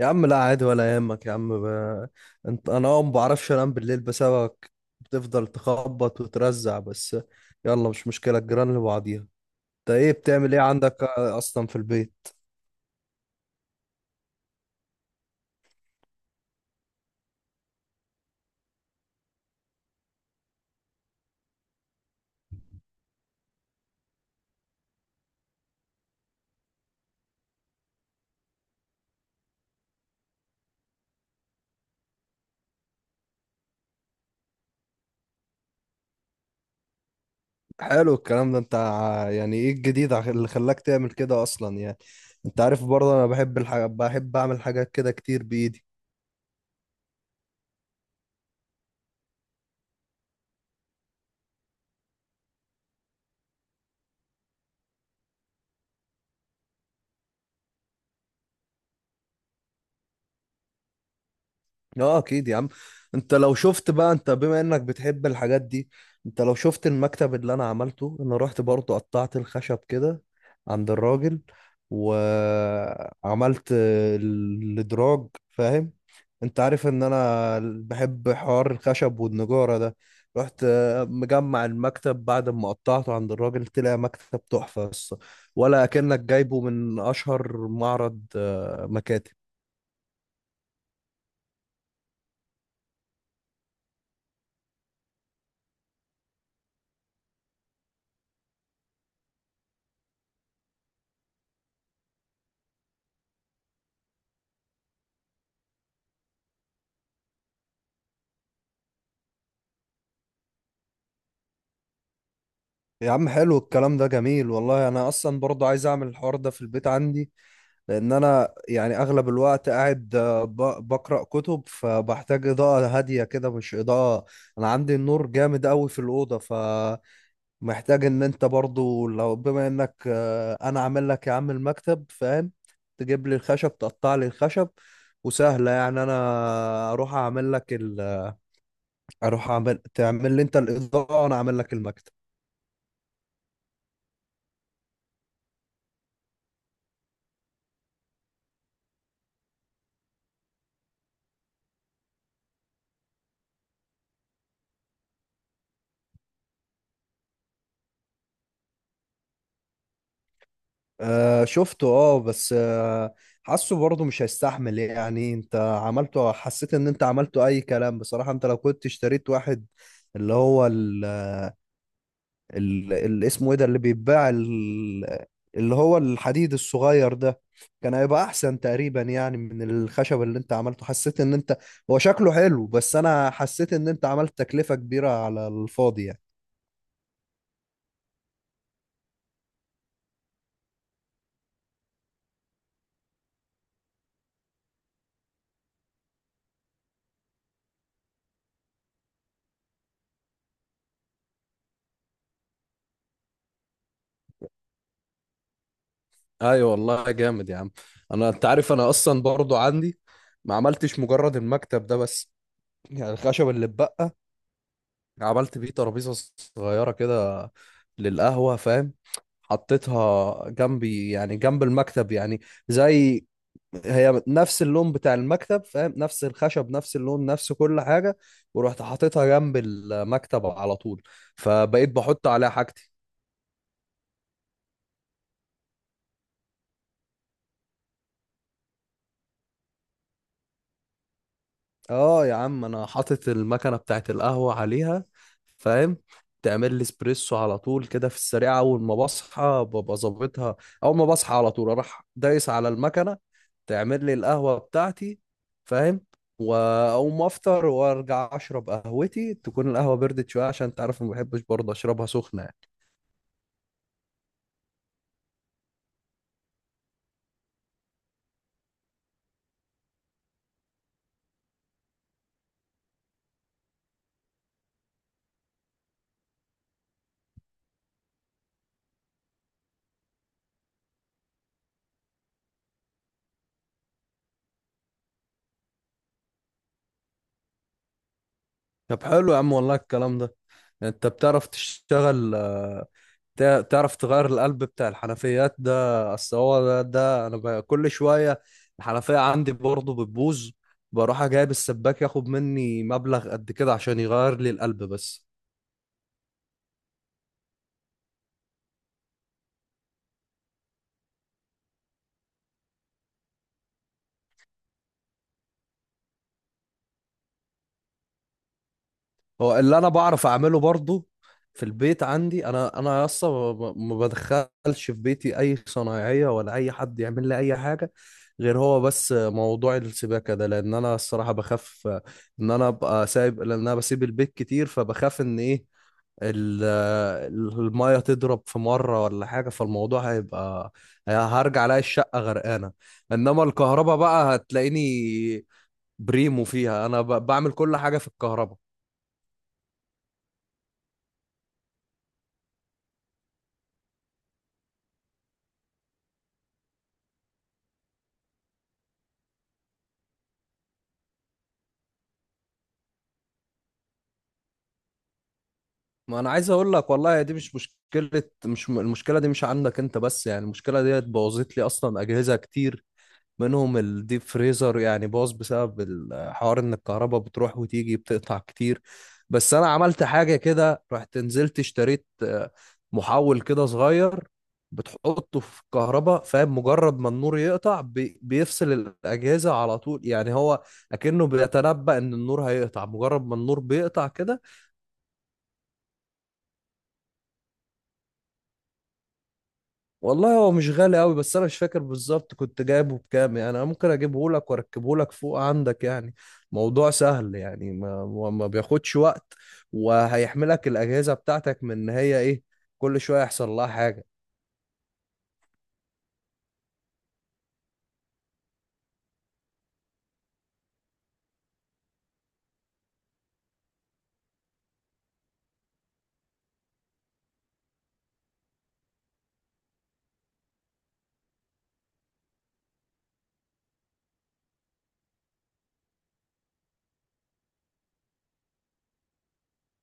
يا عم لا عادي ولا يهمك يا عم انت انا اه ما بعرفش انام بالليل بسببك. بتفضل تخبط وترزع بس. يلا مش مشكلة الجيران اللي بعضيها. انت ايه بتعمل ايه عندك اصلا في البيت؟ حلو الكلام ده. انت يعني ايه الجديد اللي خلاك تعمل كده اصلا يعني؟ انت عارف برضه انا بحب الحاجة، بحب اعمل حاجات كده كتير بايدي. اه اكيد يا عم. انت لو شفت بقى، انت بما انك بتحب الحاجات دي، انت لو شفت المكتب اللي انا عملته، انا رحت برضو قطعت الخشب كده عند الراجل، وعملت الادراج فاهم. انت عارف ان انا بحب حوار الخشب والنجارة ده. رحت مجمع المكتب بعد ما قطعته عند الراجل، طلع مكتب تحفة بس، ولا كأنك جايبه من اشهر معرض مكاتب. يا عم حلو الكلام ده، جميل والله. انا اصلا برضه عايز اعمل الحوار ده في البيت عندي، لان انا يعني اغلب الوقت قاعد بقرا كتب، فبحتاج اضاءه هاديه كده مش اضاءه. انا عندي النور جامد قوي في الاوضه فمحتاج. ان انت برضه لو بما انك، انا عامل لك يا عم المكتب فاهم، تجيب لي الخشب، تقطع لي الخشب، وسهله يعني. انا اروح اعمل لك ال... اروح تعمل لي انت الاضاءه، وانا اعمل لك المكتب. آه شفته اه، بس حاسه برضه مش هيستحمل يعني. انت عملته، حسيت ان انت عملته اي كلام بصراحة. انت لو كنت اشتريت واحد، اللي هو اسمه ايه ده اللي بيتباع اللي هو الحديد الصغير ده، كان هيبقى احسن تقريبا يعني من الخشب اللي انت عملته. حسيت ان انت، هو شكله حلو، بس انا حسيت ان انت عملت تكلفة كبيرة على الفاضي يعني. ايوه والله جامد يا عم. انا انت عارف انا اصلا برضو عندي، ما عملتش مجرد المكتب ده بس. يعني الخشب اللي اتبقى، عملت بيه ترابيزه صغيره كده للقهوه فاهم. حطيتها جنبي، يعني جنب المكتب يعني. زي، هي نفس اللون بتاع المكتب فاهم، نفس الخشب، نفس اللون، نفس كل حاجه. ورحت حاططها جنب المكتب على طول، فبقيت بحط عليها حاجتي. اه يا عم، انا حاطط المكنه بتاعت القهوه عليها فاهم. تعمل لي اسبريسو على طول كده في السريع. اول ما بصحى ببقى ظابطها، اول ما بصحى على طول اروح دايس على المكنه، تعمل لي القهوه بتاعتي فاهم. واقوم افطر وارجع اشرب قهوتي، تكون القهوه بردت شويه، عشان تعرف ما بحبش برضه اشربها سخنه يعني. طب حلو يا عم والله الكلام ده. يعني انت بتعرف تشتغل، تعرف تغير القلب بتاع الحنفيات ده؟ اصل هو ده، كل شويه الحنفيه عندي برضه بتبوظ، بروح جايب السباك ياخد مني مبلغ قد كده عشان يغير لي القلب بس. هو اللي انا بعرف اعمله برضه في البيت عندي. انا اصلا ما بدخلش في بيتي اي صنايعيه ولا اي حد يعمل لي اي حاجه، غير هو بس موضوع السباكه ده، لان انا الصراحه بخاف ان انا ابقى سايب، لان انا بسيب البيت كتير، فبخاف ان ايه، ال- المية تضرب في مرة ولا حاجة، فالموضوع هيبقى، هرجع الاقي الشقة غرقانة. انما الكهرباء بقى هتلاقيني بريمو فيها. بعمل كل حاجة في الكهرباء. ما انا عايز اقول لك والله، دي مش مشكلة، مش م- المشكلة دي مش عندك انت بس يعني. المشكلة دي بوظت لي اصلا اجهزة كتير، منهم الديب فريزر يعني باظ بسبب الحوار ان الكهرباء بتروح وتيجي، بتقطع كتير. بس انا عملت حاجة كده، رحت نزلت اشتريت محول كده صغير، بتحطه في الكهرباء فاهم. مجرد ما النور يقطع بيفصل الأجهزة على طول يعني. هو أكنه بيتنبأ إن النور هيقطع، مجرد ما النور بيقطع كده. والله هو مش غالي قوي، بس انا مش فاكر بالظبط كنت جايبه بكام يعني. انا ممكن اجيبه لك واركبه لك فوق عندك يعني، موضوع سهل يعني، ما بياخدش وقت. وهيحملك الاجهزه بتاعتك من ان هي ايه، كل شويه يحصل لها حاجه.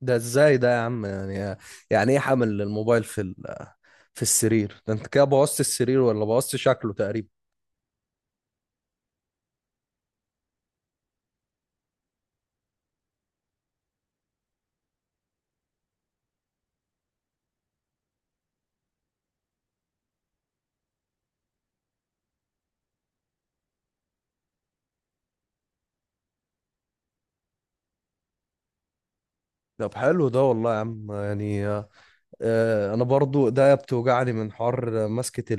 ده ازاي ده يا عم يعني؟ يعني ايه حمل الموبايل في السرير ده؟ انت كده بوظت السرير، ولا بوظت شكله تقريبا؟ طب حلو ده والله يا عم يعني. انا برضو ده بتوجعني من حر مسكة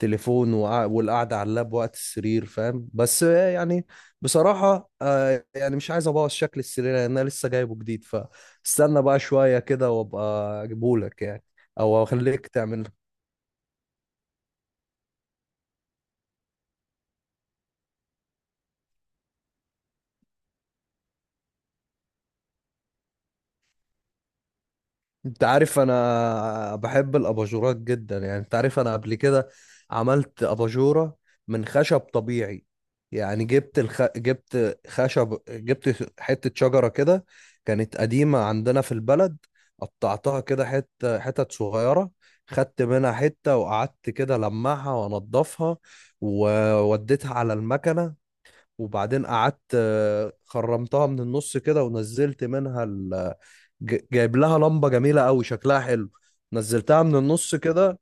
التليفون والقعدة على اللاب وقت السرير فاهم. بس يعني بصراحة يعني مش عايز ابوظ شكل السرير، لان انا لسه جايبه جديد، فاستنى بقى شوية كده وابقى اجيبهولك يعني. او اخليك تعمل. انت عارف انا بحب الاباجورات جدا يعني. انت عارف انا قبل كده عملت اباجورة من خشب طبيعي يعني. جبت خشب، جبت حتة شجرة كده كانت قديمة عندنا في البلد. قطعتها كده حتة حتت صغيرة، خدت منها حتة، وقعدت كده لمعها وانضفها، ووديتها على المكنة. وبعدين قعدت خرمتها من النص كده ونزلت منها. جايب لها لمبه جميله قوي، شكلها حلو. نزلتها من النص كده.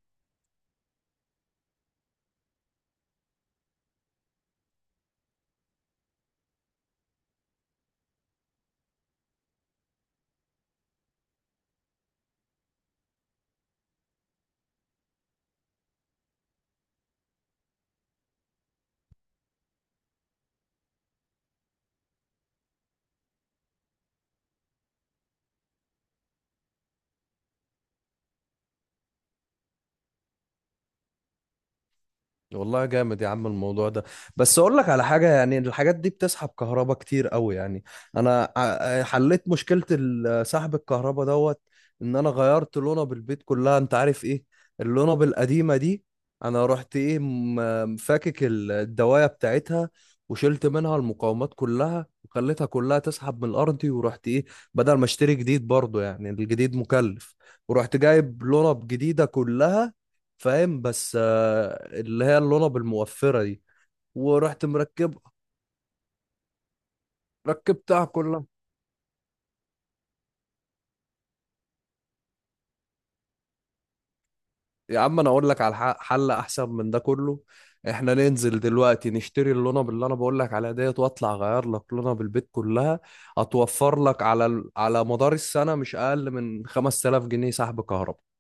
والله جامد يا عم الموضوع ده. بس اقول لك على حاجه، يعني الحاجات دي بتسحب كهرباء كتير قوي يعني. انا حليت مشكله سحب الكهرباء دوت. ان انا غيرت لونا البيت كلها. انت عارف ايه اللونا القديمه دي؟ انا رحت ايه، فاكك الدوايه بتاعتها، وشلت منها المقاومات كلها، وخليتها كلها تسحب من الارض. ورحت ايه، بدل ما اشتري جديد برضو، يعني الجديد مكلف، ورحت جايب لونا جديده كلها فاهم، بس اللي هي اللولب الموفرة دي، ورحت مركبها، ركبتها كلها. يا عم انا اقول لك على حل احسن من ده كله. احنا ننزل دلوقتي نشتري اللونة اللي انا بقول لك عليها ديت، واطلع اغير لك لونة بالبيت كلها. هتوفر لك على على مدار السنة مش اقل من 5000 جنيه سحب كهرباء.